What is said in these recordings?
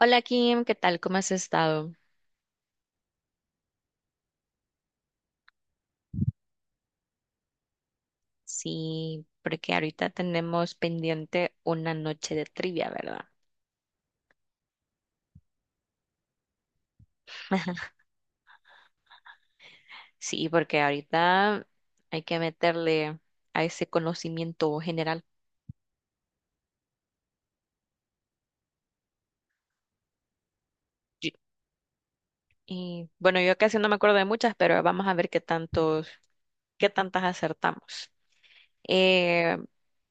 Hola Kim, ¿qué tal? ¿Cómo has estado? Sí, porque ahorita tenemos pendiente una noche de trivia, ¿verdad? Sí, porque ahorita hay que meterle a ese conocimiento general. Yo- Y bueno, yo casi no me acuerdo de muchas, pero vamos a ver qué tantos, qué tantas acertamos. Eh,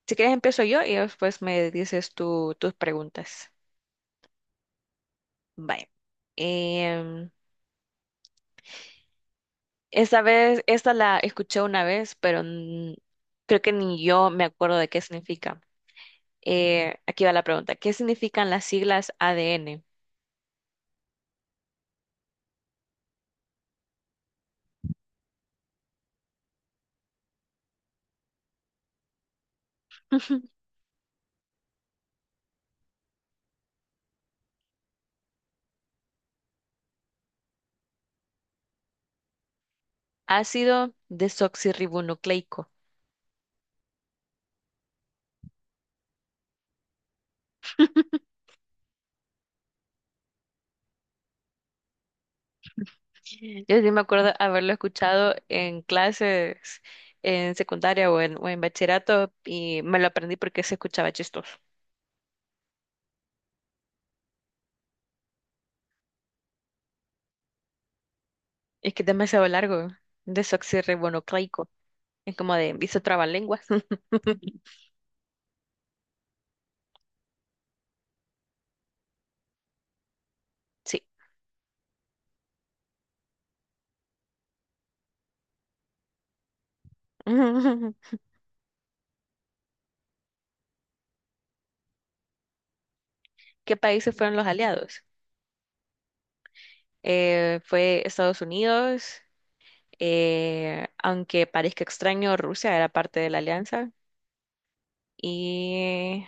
si quieres empiezo yo y después me dices tú, tus preguntas. Vaya. Em, Esta vez, esta la escuché una vez, pero creo que ni yo me acuerdo de qué significa. Aquí va la pregunta. ¿Qué significan las siglas ADN? Ácido desoxirribonucleico. Yo sí me acuerdo haberlo escuchado en clases en secundaria o en bachillerato y me lo aprendí porque se escuchaba chistoso. Es que es demasiado largo, desoxirribonucleico. Es como de, hizo trabalenguas. Sí. ¿Qué países fueron los aliados? Fue Estados Unidos, aunque parezca extraño, Rusia era parte de la alianza, y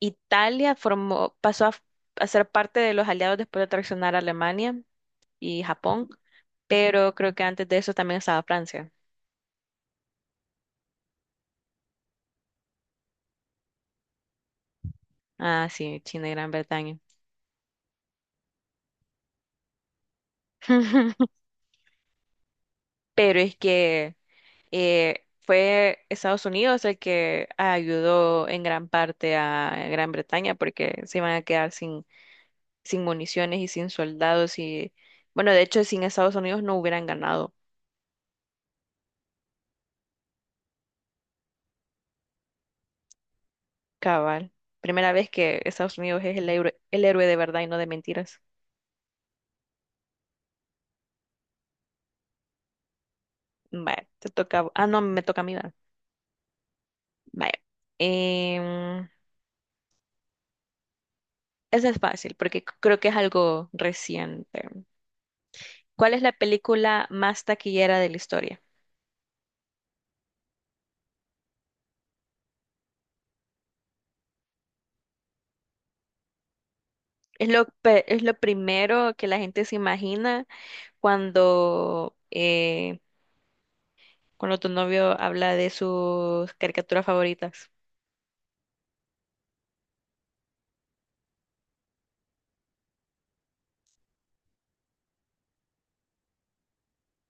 Italia formó, pasó a, f- a ser parte de los aliados después de traicionar a Alemania y Japón, pero creo que antes de eso también estaba Francia. Ah, sí, China y Gran Bretaña. Pero es que fue Estados Unidos el que ayudó en gran parte a Gran Bretaña porque se iban a quedar sin sin municiones y sin soldados y bueno, de hecho sin Estados Unidos no hubieran ganado, cabal. Primera vez que Estados Unidos es el héroe de verdad y no de mentiras. Vaya, te toca, ah, no, me toca a mí, ¿verdad? Vaya. Em, Esa es fácil porque creo que es algo reciente. ¿Cuál es la película más taquillera de la historia? Es lo primero que la gente se imagina cuando, cuando tu novio habla de sus caricaturas favoritas.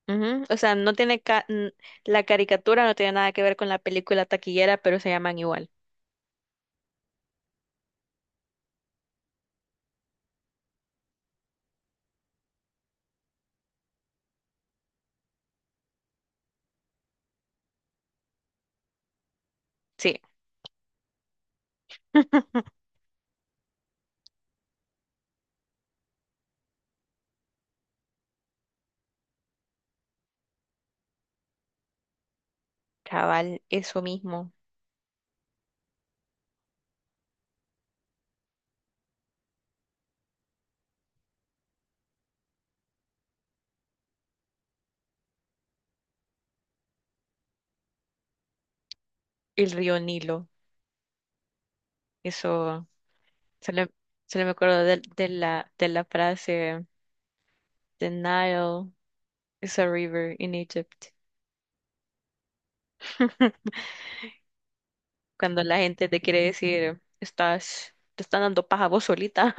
Ujú. O sea, no tiene la caricatura no tiene nada que ver con la película taquillera, pero se llaman igual. Sí, cabal, eso mismo, el río Nilo. Eso, solo, solo me acuerdo de, de la frase, The Nile is a river in Egypt. Cuando la gente te quiere decir, estás, te están dando paja vos solita.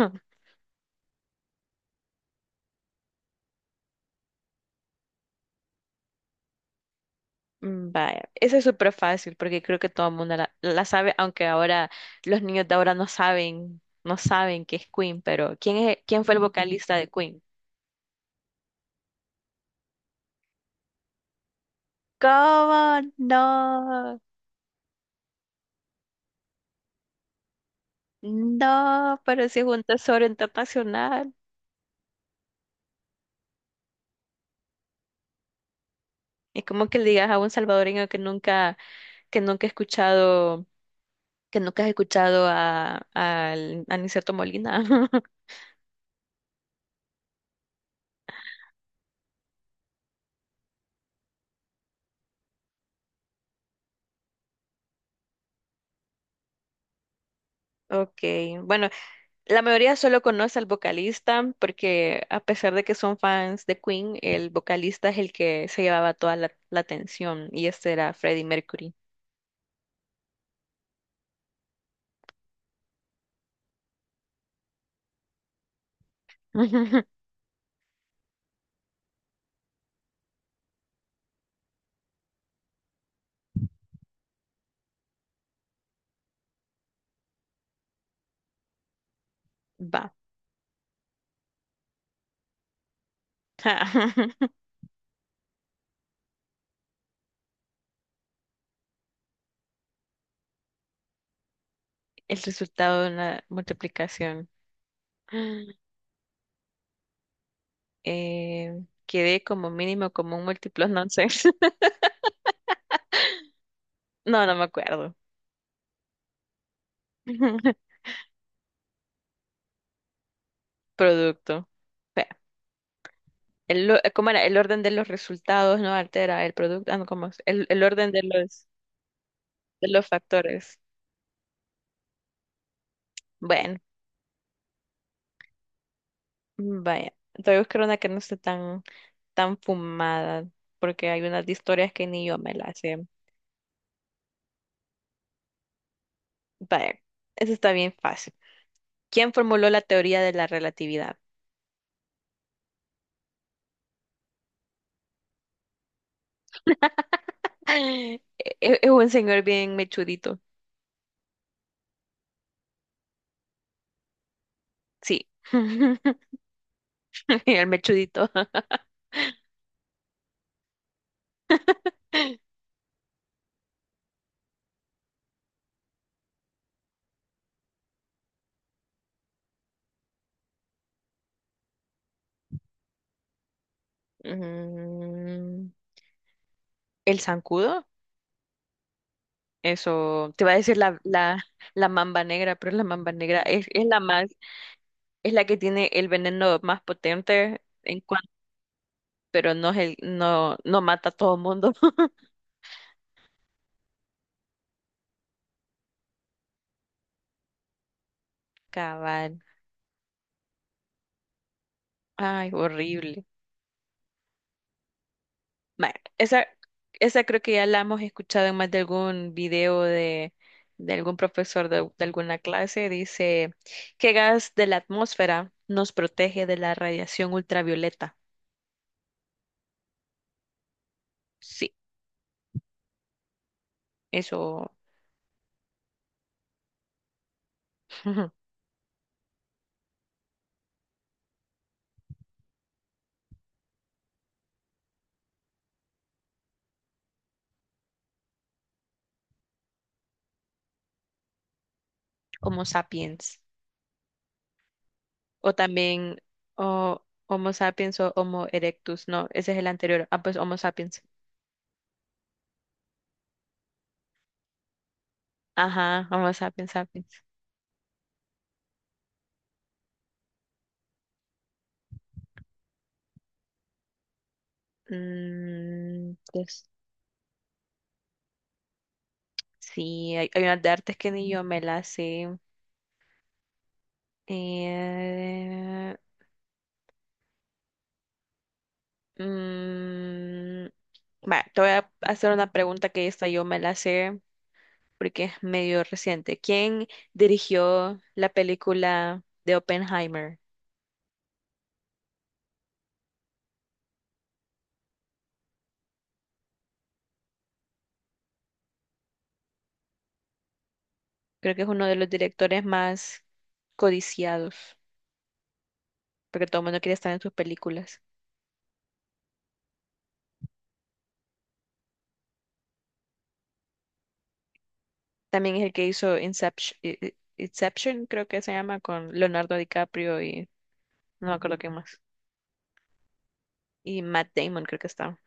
Mm, vaya, eso es súper fácil porque creo que todo el mundo la sabe, aunque ahora los niños de ahora no saben, no saben que es Queen, pero ¿quién fue el vocalista de Queen? ¿Cómo? No, no, pero si es un tesoro internacional. Es como que le digas a un salvadoreño que nunca, que nunca ha escuchado, que nunca has escuchado a Aniceto Molina. Ok, bueno, la mayoría solo conoce al vocalista porque a pesar de que son fans de Queen, el vocalista es el que se llevaba toda la atención y este era Freddie Mercury. Va. El resultado de una multiplicación. Eh, Quedé como mínimo como un múltiplo, no sé. No, no me acuerdo. Producto. Espera, ¿Cómo era? El orden de los resultados no altera el producto. Ah, no, ¿cómo es? El orden de los factores. Bueno. Vaya, voy a buscar una que no esté tan, tan fumada, porque hay unas de historias que ni yo me las sé. Vaya, eso está bien fácil. ¿Quién formuló la teoría de la relatividad? Es un señor bien mechudito. Sí, el mechudito. Mm, ¿el zancudo? Eso, te iba a decir la mamba negra, pero la mamba negra es la más, es la que tiene el veneno más potente en cuanto, pero no es el, no, no mata a todo mundo. Cabal. Ay, horrible. Bueno, esa creo que ya la hemos escuchado en más de algún video de algún profesor de alguna clase. Dice, ¿qué gas de la atmósfera nos protege de la radiación ultravioleta? Sí, eso. Homo sapiens. O también Homo sapiens o Homo erectus. No, ese es el anterior. Ah, pues Homo sapiens. Ajá, Homo sapiens sapiens. Mm, pues sí, hay unas de artes que ni yo me las sé. Eh, mm, Va, te voy a hacer una pregunta que esta yo me la sé porque es medio reciente. ¿Quién dirigió la película de Oppenheimer? Creo que es uno de los directores más codiciados porque todo el mundo quiere estar en sus películas. También es el que hizo Inception, Inception, creo que se llama, con Leonardo DiCaprio y no me acuerdo qué más. Y Matt Damon creo que está.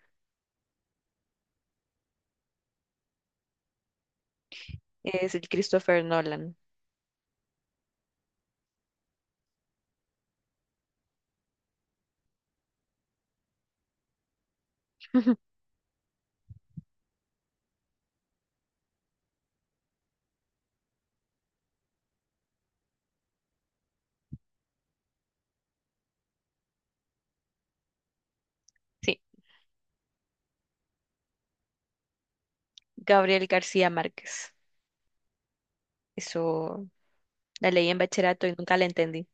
Es el Christopher Nolan. Sí, Gabriel García Márquez. Eso la leí en bachillerato y nunca la entendí.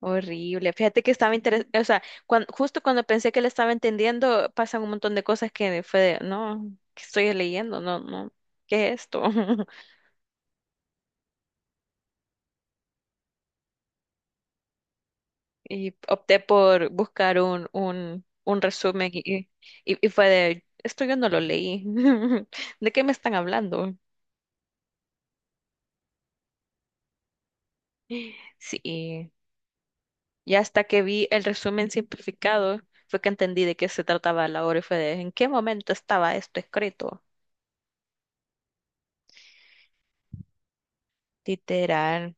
Horrible. Fíjate que estaba interesante, o sea, justo cuando pensé que la estaba entendiendo, pasan un montón de cosas que fue de, no, ¿qué estoy leyendo? No, no, ¿qué es esto? Y opté por buscar un resumen y fue de, esto yo no lo leí. ¿De qué me están hablando? Sí. Y hasta que vi el resumen simplificado, fue que entendí de qué se trataba la obra y fue de en qué momento estaba esto escrito. Literal.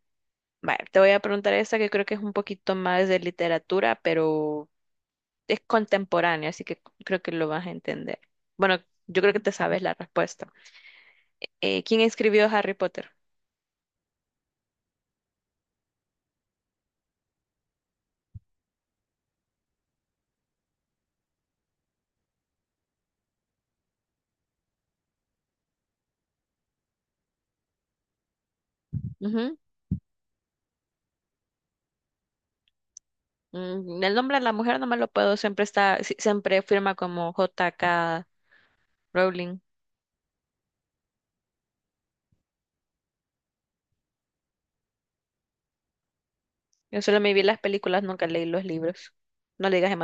Vale, te voy a preguntar esta que creo que es un poquito más de literatura, pero es contemporánea, así que creo que lo vas a entender. Bueno, yo creo que te sabes la respuesta. ¿Quién escribió Harry Potter? Ujú. Mm, el nombre de la mujer no me lo puedo, siempre está, siempre firma como J K Rowling. Yo solo me vi las películas, nunca leí los libros. No le digas a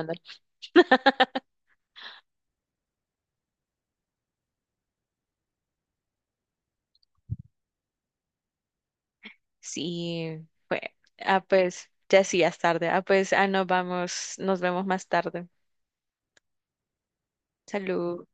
Sí, pues, ah, pues, ya sí, ya es tarde. Ah, pues, ah, nos vamos, nos vemos más tarde. Salud.